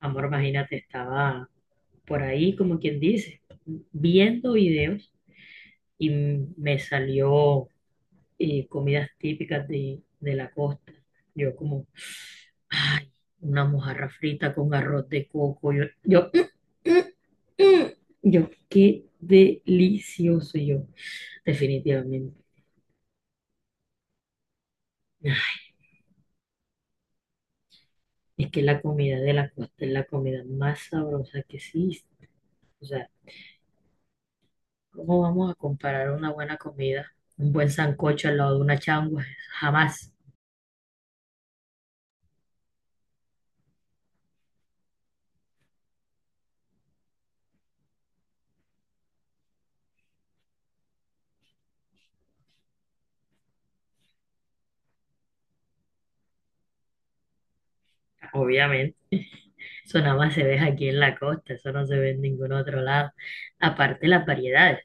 Amor, imagínate, estaba por ahí, como quien dice, viendo videos y me salió comidas típicas de, la costa. Yo como, ay, una mojarra frita con arroz de coco. "Mm, mm, mm". Yo, qué delicioso. Yo, definitivamente. Es que la comida de la costa es la comida más sabrosa que existe. O sea, ¿cómo vamos a comparar una buena comida, un buen sancocho al lado de una changua? Jamás, obviamente. Eso nada más se ve aquí en la costa, eso no se ve en ningún otro lado. Aparte las variedades.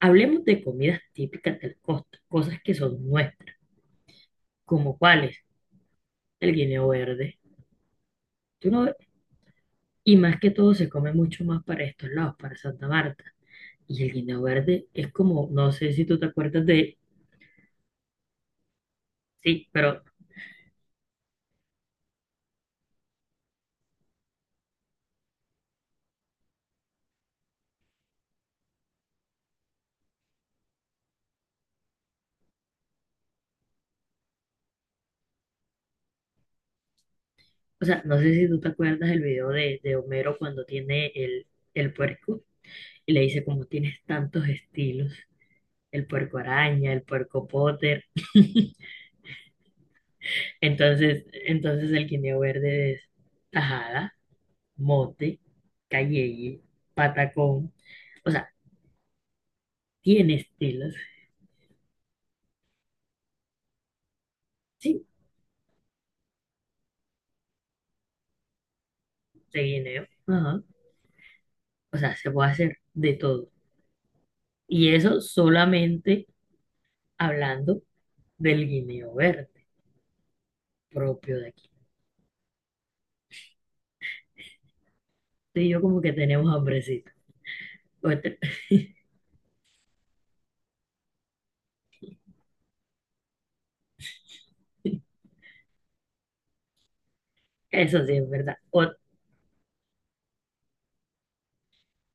Hablemos de comidas típicas de la costa, cosas que son nuestras, como cuáles, el guineo verde. Tú no ves- Y más que todo se come mucho más para estos lados, para Santa Marta. Y el guineo verde es como, no sé si tú te acuerdas de, sí, pero... O sea, no sé si tú te acuerdas del video de, Homero cuando tiene el puerco y le dice como tienes tantos estilos, el puerco araña, el puerco Potter. Entonces el guineo verde es tajada, mote, calleye, patacón. O sea, tiene estilos. Sí, de guineo. Ajá. O sea, se puede hacer de todo. Y eso solamente hablando del guineo verde propio de aquí. Tú y yo como que tenemos hambrecito. Otra- Eso sí es verdad.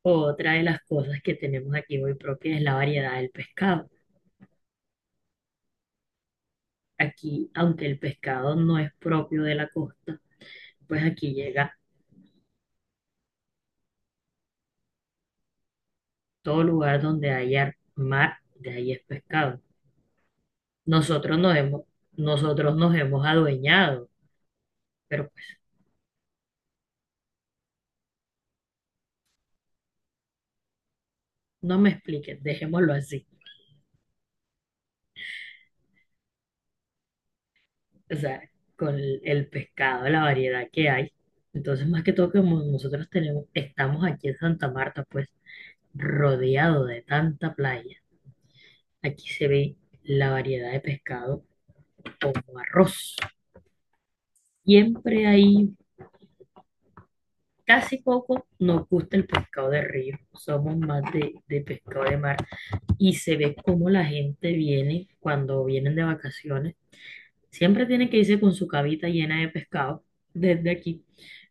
Otra de las cosas que tenemos aquí muy propia es la variedad del pescado. Aquí, aunque el pescado no es propio de la costa, pues aquí llega todo lugar donde haya mar, de ahí es pescado. Nosotros nos hemos, nosotros nos hemos adueñado, pero pues no me expliques, dejémoslo así. O sea, con el pescado, la variedad que hay. Entonces, más que todo, como nosotros tenemos, estamos aquí en Santa Marta, pues, rodeado de tanta playa, aquí se ve la variedad de pescado como arroz. Siempre hay, casi poco, nos gusta el pescado de río, somos más de, pescado de mar y se ve cómo la gente viene cuando vienen de vacaciones. Siempre tienen que irse con su cabita llena de pescado desde aquí,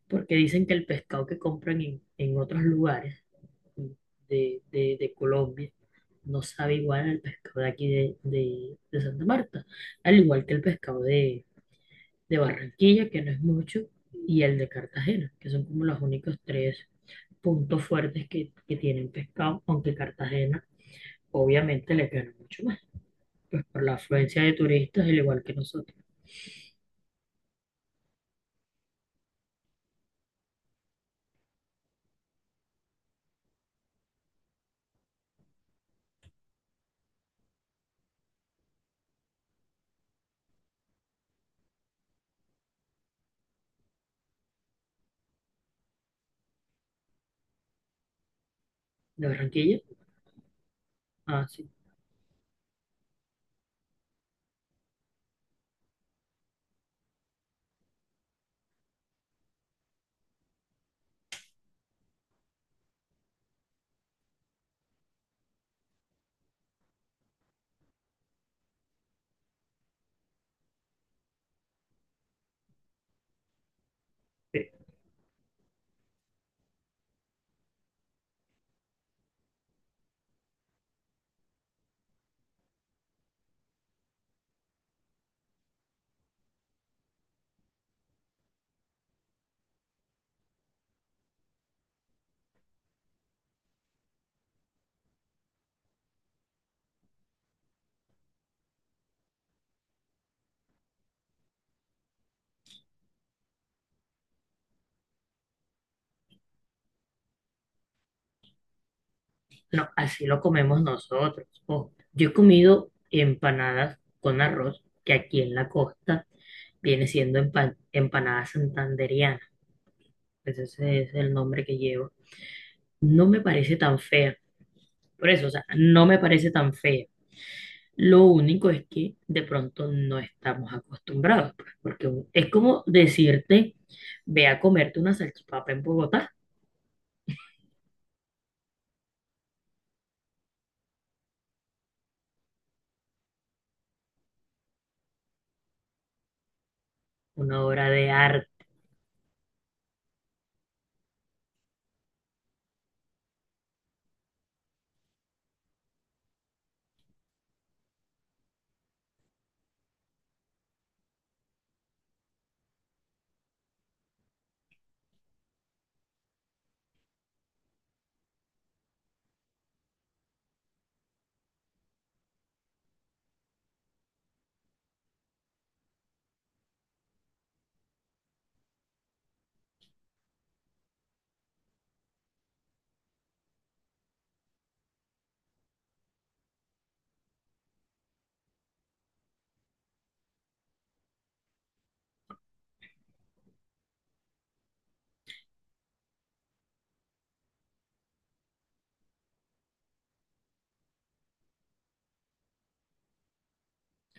porque dicen que el pescado que compran en otros lugares de, de Colombia no sabe igual al pescado de aquí de, de Santa Marta, al igual que el pescado de, Barranquilla, que no es mucho, y el de Cartagena, que son como los únicos tres puntos fuertes que, tienen pescado, aunque Cartagena obviamente le gana mucho más, pues por la afluencia de turistas, al igual que nosotros. De Barranquilla, ah, sí. No, así lo comemos nosotros. Ojo, yo he comido empanadas con arroz, que aquí en la costa viene siendo empanada santanderiana. Pues ese es el nombre que llevo. No me parece tan fea. Por eso, o sea, no me parece tan fea. Lo único es que de pronto no estamos acostumbrados, pues, porque es como decirte, ve a comerte una salchipapa en Bogotá, una obra de arte,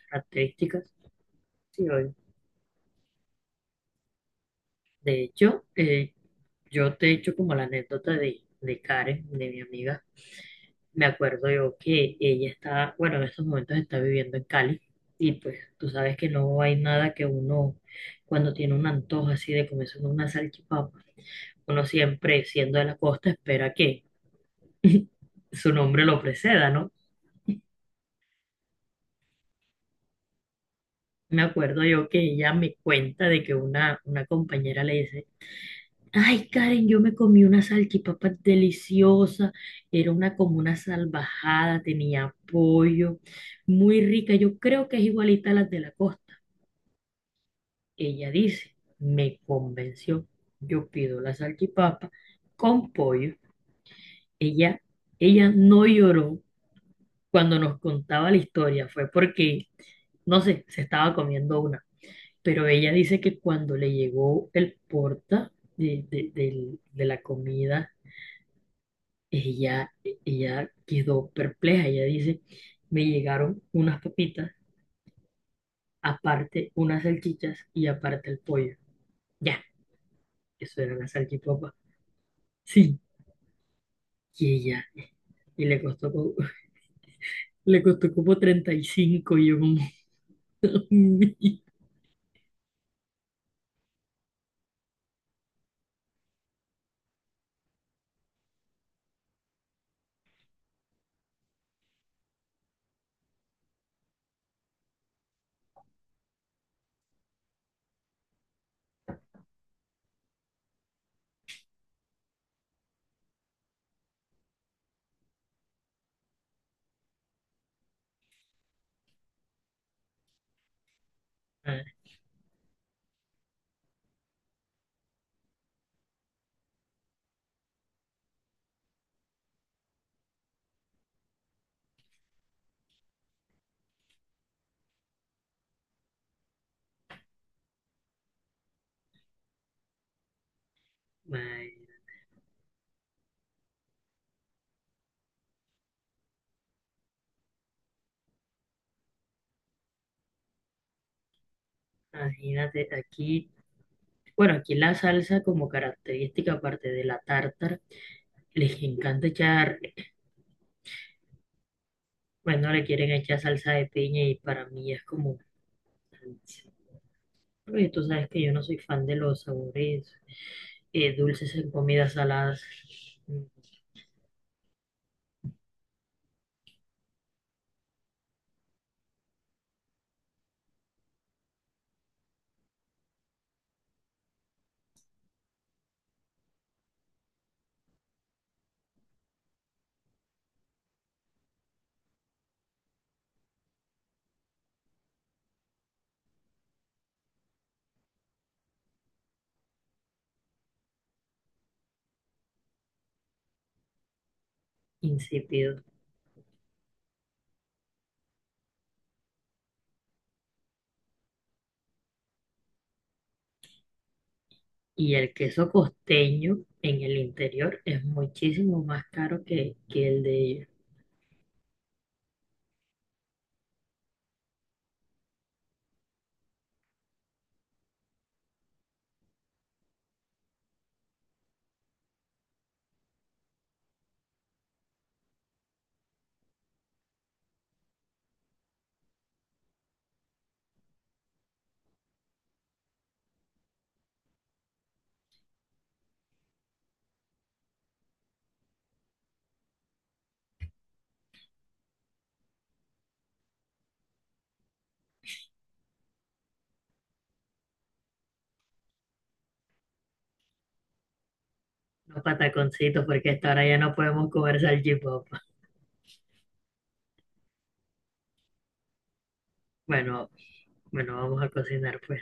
características. Sí, oye. De hecho, yo te he hecho como la anécdota de, Karen, de mi amiga. Me acuerdo yo que ella está, bueno, en estos momentos está viviendo en Cali y pues tú sabes que no hay nada que uno, cuando tiene un antojo así de comerse una salchipapa, uno siempre, siendo de la costa, espera que su nombre lo preceda, ¿no? Me acuerdo yo que ella me cuenta de que una compañera le dice, ay, Karen, yo me comí una salchipapa deliciosa. Era una como una salvajada, tenía pollo, muy rica. Yo creo que es igualita a las de la costa. Ella dice, me convenció. Yo pido la salchipapa con pollo. Ella, ella no lloró cuando nos contaba la historia. Fue porque, no sé, se estaba comiendo una. Pero ella dice que cuando le llegó el porta de, de la comida... Ella, ella quedó perpleja. Ella dice, me llegaron unas papitas, aparte unas salchichas y aparte el pollo. Ya, eso era la salchipapa. Sí, y ella, y le costó como 35 y cinco y yo como... Ah, mae, imagínate aquí, bueno, aquí la salsa como característica aparte de la tártara, les encanta echar, bueno, le quieren echar salsa de piña y para mí es como... Oye, tú sabes que yo no soy fan de los sabores dulces en comidas saladas. Mm. Insípidos. Y el queso costeño en el interior es muchísimo más caro que, el de los pataconcitos, porque hasta ahora ya no podemos comer salchipapa. Bueno, bueno, vamos a cocinar pues.